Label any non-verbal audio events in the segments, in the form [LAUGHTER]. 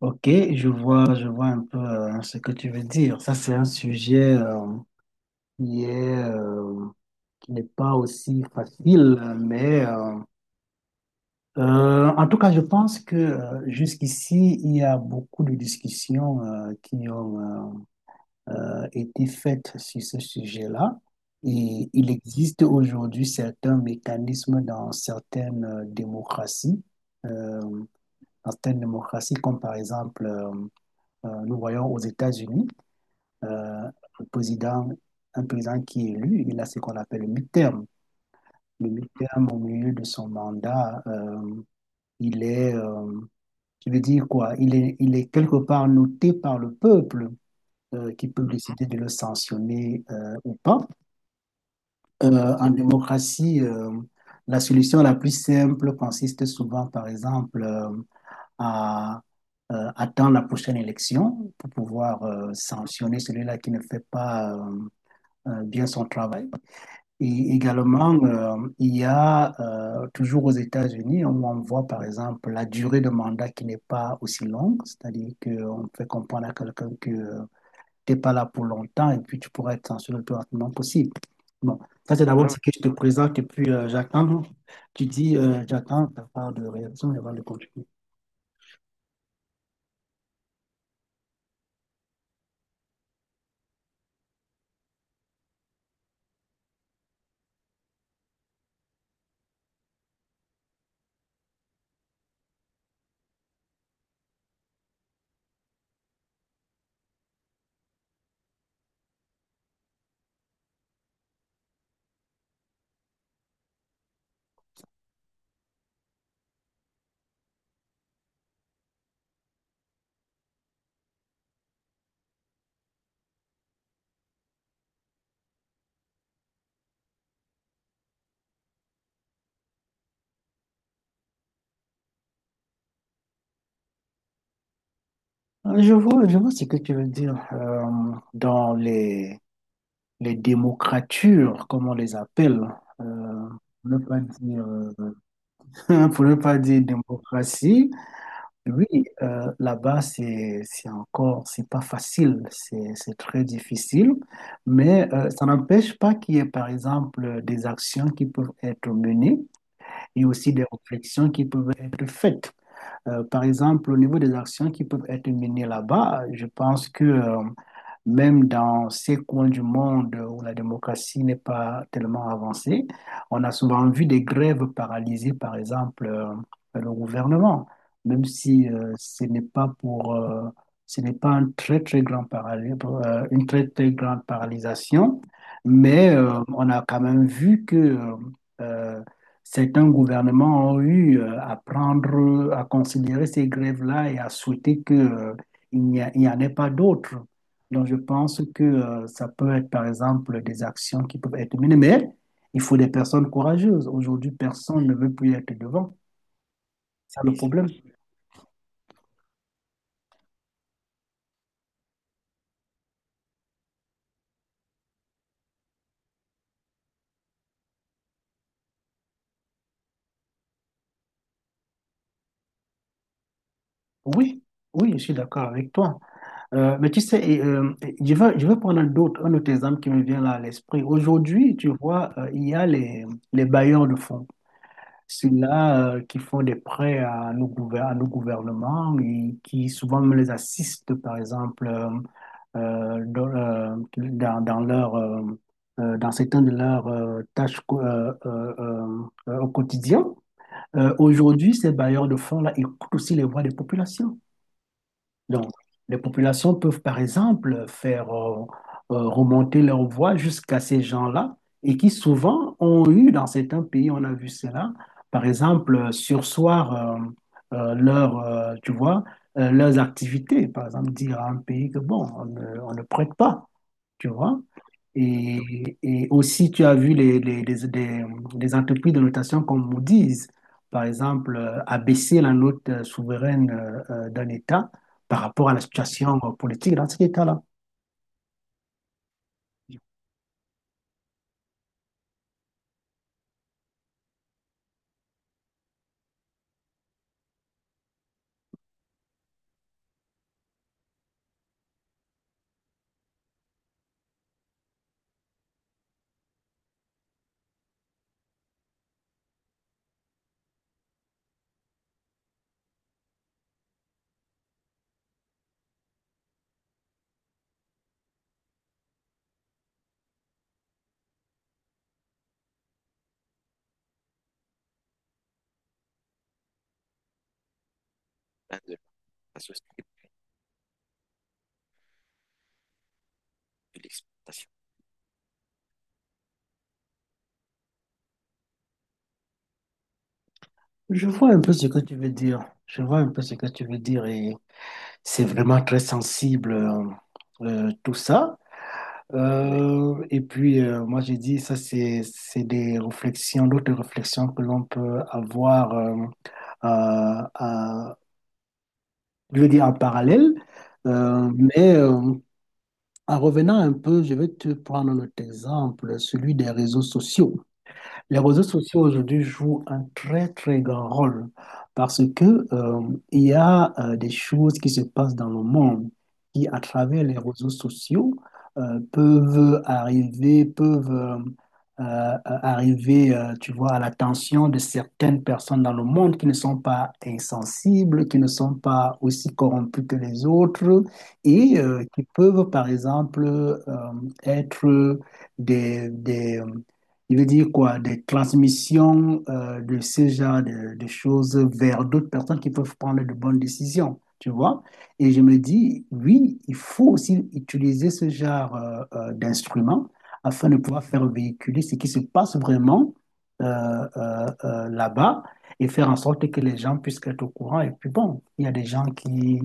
Ok, je vois un peu ce que tu veux dire. Ça, c'est un sujet qui est, euh, qui n'est pas aussi facile, mais en tout cas, je pense que jusqu'ici, il y a beaucoup de discussions qui ont été faites sur ce sujet-là. Et il existe aujourd'hui certains mécanismes dans certaines démocraties, euh, dans certaines démocraties, comme par exemple, nous voyons aux États-Unis. euh, un président, un président qui est élu, il a ce qu'on appelle le mi-terme. Le mi-terme, au milieu de son mandat, il est, je veux dire quoi, il est quelque part noté par le peuple qui peut décider de le sanctionner ou pas. En démocratie, la solution la plus simple consiste souvent, par exemple, à attendre la prochaine élection pour pouvoir sanctionner celui-là qui ne fait pas bien son travail. Et également, il y a toujours aux États-Unis, où on voit par exemple la durée de mandat qui n'est pas aussi longue, c'est-à-dire qu'on fait comprendre à quelqu'un que tu n'es pas là pour longtemps et puis tu pourras être censuré le plus rapidement possible. Bon, ça c'est d'abord ce que je te présente et puis j'attends. Tu dis, j'attends ta part de réaction avant de continuer. Je vois ce que tu veux dire. Dans les démocratures, comme on les appelle, euh, ne pas dire. [LAUGHS] Pour ne pas dire démocratie, oui, là-bas, c'est encore, c'est pas facile, c'est très difficile, mais ça n'empêche pas qu'il y ait, par exemple, des actions qui peuvent être menées et aussi des réflexions qui peuvent être faites. Par exemple, au niveau des actions qui peuvent être menées là-bas, je pense que, même dans ces coins du monde où la démocratie n'est pas tellement avancée, on a souvent vu des grèves paralyser, par exemple, le gouvernement, même si ce n'est pas pour, ce n'est pas un très, très grand une très, très grande paralysation, mais on a quand même vu que euh, certains gouvernements ont eu à prendre, à considérer ces grèves-là et à souhaiter que, il n'y en ait pas d'autres. Donc, je pense que ça peut être, par exemple, des actions qui peuvent être menées, mais il faut des personnes courageuses. Aujourd'hui, personne ne veut plus être devant. C'est ça le problème. Oui, oui, je suis d'accord avec toi. Mais tu sais, et je veux prendre un autre exemple qui me vient là à l'esprit. Aujourd'hui, tu vois, il y a les bailleurs de fonds. Ceux-là qui font des prêts à à nos gouvernements et qui souvent me les assistent, par exemple, dans, dans leur, dans certaines de leurs au quotidien. Aujourd'hui, ces bailleurs de fonds-là écoutent aussi les voix des populations. Donc, les populations peuvent, par exemple, faire remonter leur voix jusqu'à ces gens-là et qui souvent ont eu, dans certains pays, on a vu cela, par exemple, sursoir leur, tu vois, leurs activités. Par exemple, dire à un pays que, bon, on ne prête pas, tu vois. Et aussi, tu as vu les entreprises de notation comme Moody's, par exemple, abaisser la note souveraine d'un État par rapport à la situation politique dans cet État-là. Je vois un peu ce que tu veux dire. Je vois un peu ce que tu veux dire et c'est vraiment très sensible tout ça. Et puis moi j'ai dit ça c'est des réflexions, d'autres réflexions que l'on peut avoir euh, à je veux dire en parallèle, mais en revenant un peu, je vais te prendre notre exemple, celui des réseaux sociaux. Les réseaux sociaux aujourd'hui jouent un très très grand rôle parce que il y a des choses qui se passent dans le monde qui, à travers les réseaux sociaux, peuvent arriver, tu vois, à l'attention de certaines personnes dans le monde qui ne sont pas insensibles, qui ne sont pas aussi corrompues que les autres et qui peuvent, par exemple, être des il veut dire quoi? Des transmissions de ce de choses vers d'autres personnes qui peuvent prendre de bonnes décisions, tu vois? Et je me dis, oui, il faut aussi utiliser ce genre d'instruments afin de pouvoir faire véhiculer ce qui se passe vraiment là-bas et faire en sorte que les gens puissent être au courant. Et puis bon, il y a des gens qui...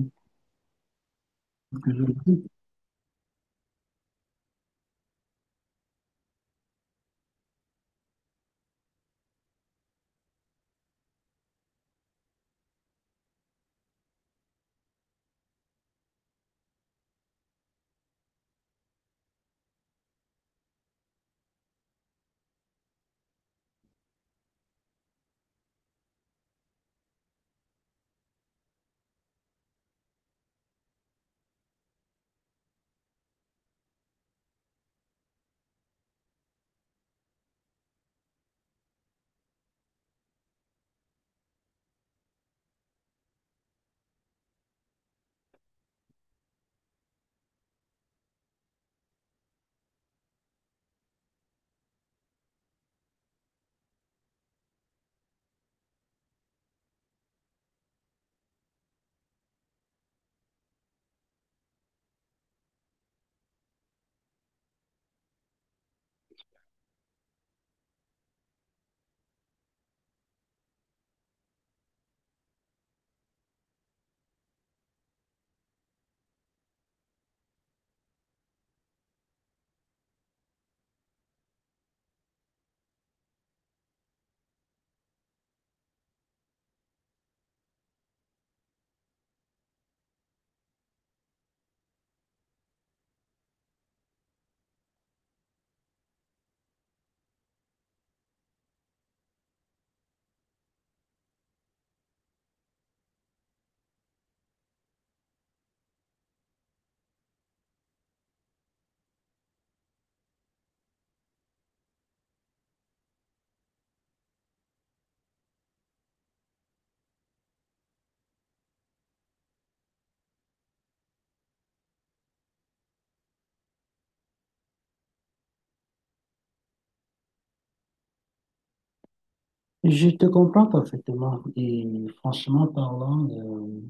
Je te comprends parfaitement et franchement parlant, euh,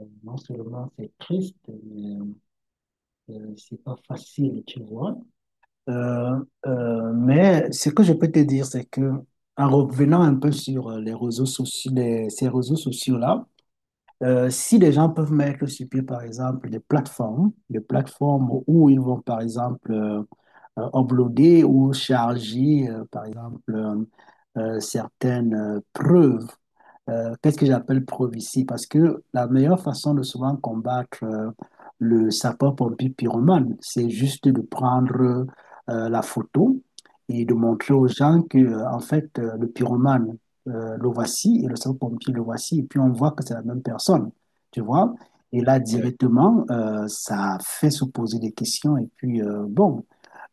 euh, non seulement c'est triste, mais c'est pas facile, tu vois. Euh, mais ce que je peux te dire, c'est que en revenant un peu sur les réseaux sociaux, ces réseaux sociaux-là, si les gens peuvent mettre sur pied, par exemple, des plateformes où ils vont, par exemple, uploader ou charger, par exemple, certaines preuves qu'est-ce que j'appelle prophétie? Parce que la meilleure façon de souvent combattre le sapeur-pompier pyromane, c'est juste de prendre la photo et de montrer aux gens que, en fait, le pyromane, le voici et le sapeur-pompier, le voici. Et puis on voit que c'est la même personne, tu vois? Et là, Ouais. Directement, ça fait se poser des questions. Et puis, bon,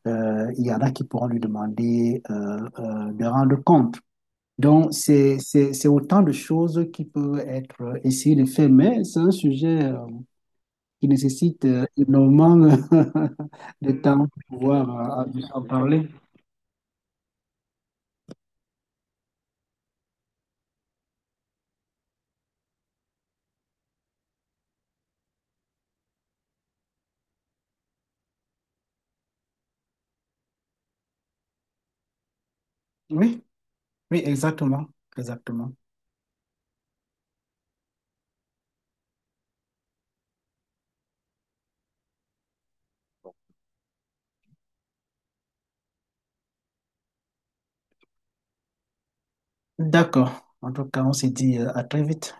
il y en a qui pourront lui demander de rendre compte. Donc, c'est autant de choses qui peuvent être essayées de faire, mais c'est un sujet qui nécessite énormément [LAUGHS] de temps pour pouvoir en parler. Oui, oui, exactement, exactement. D'accord. En tout cas, on se dit à très vite.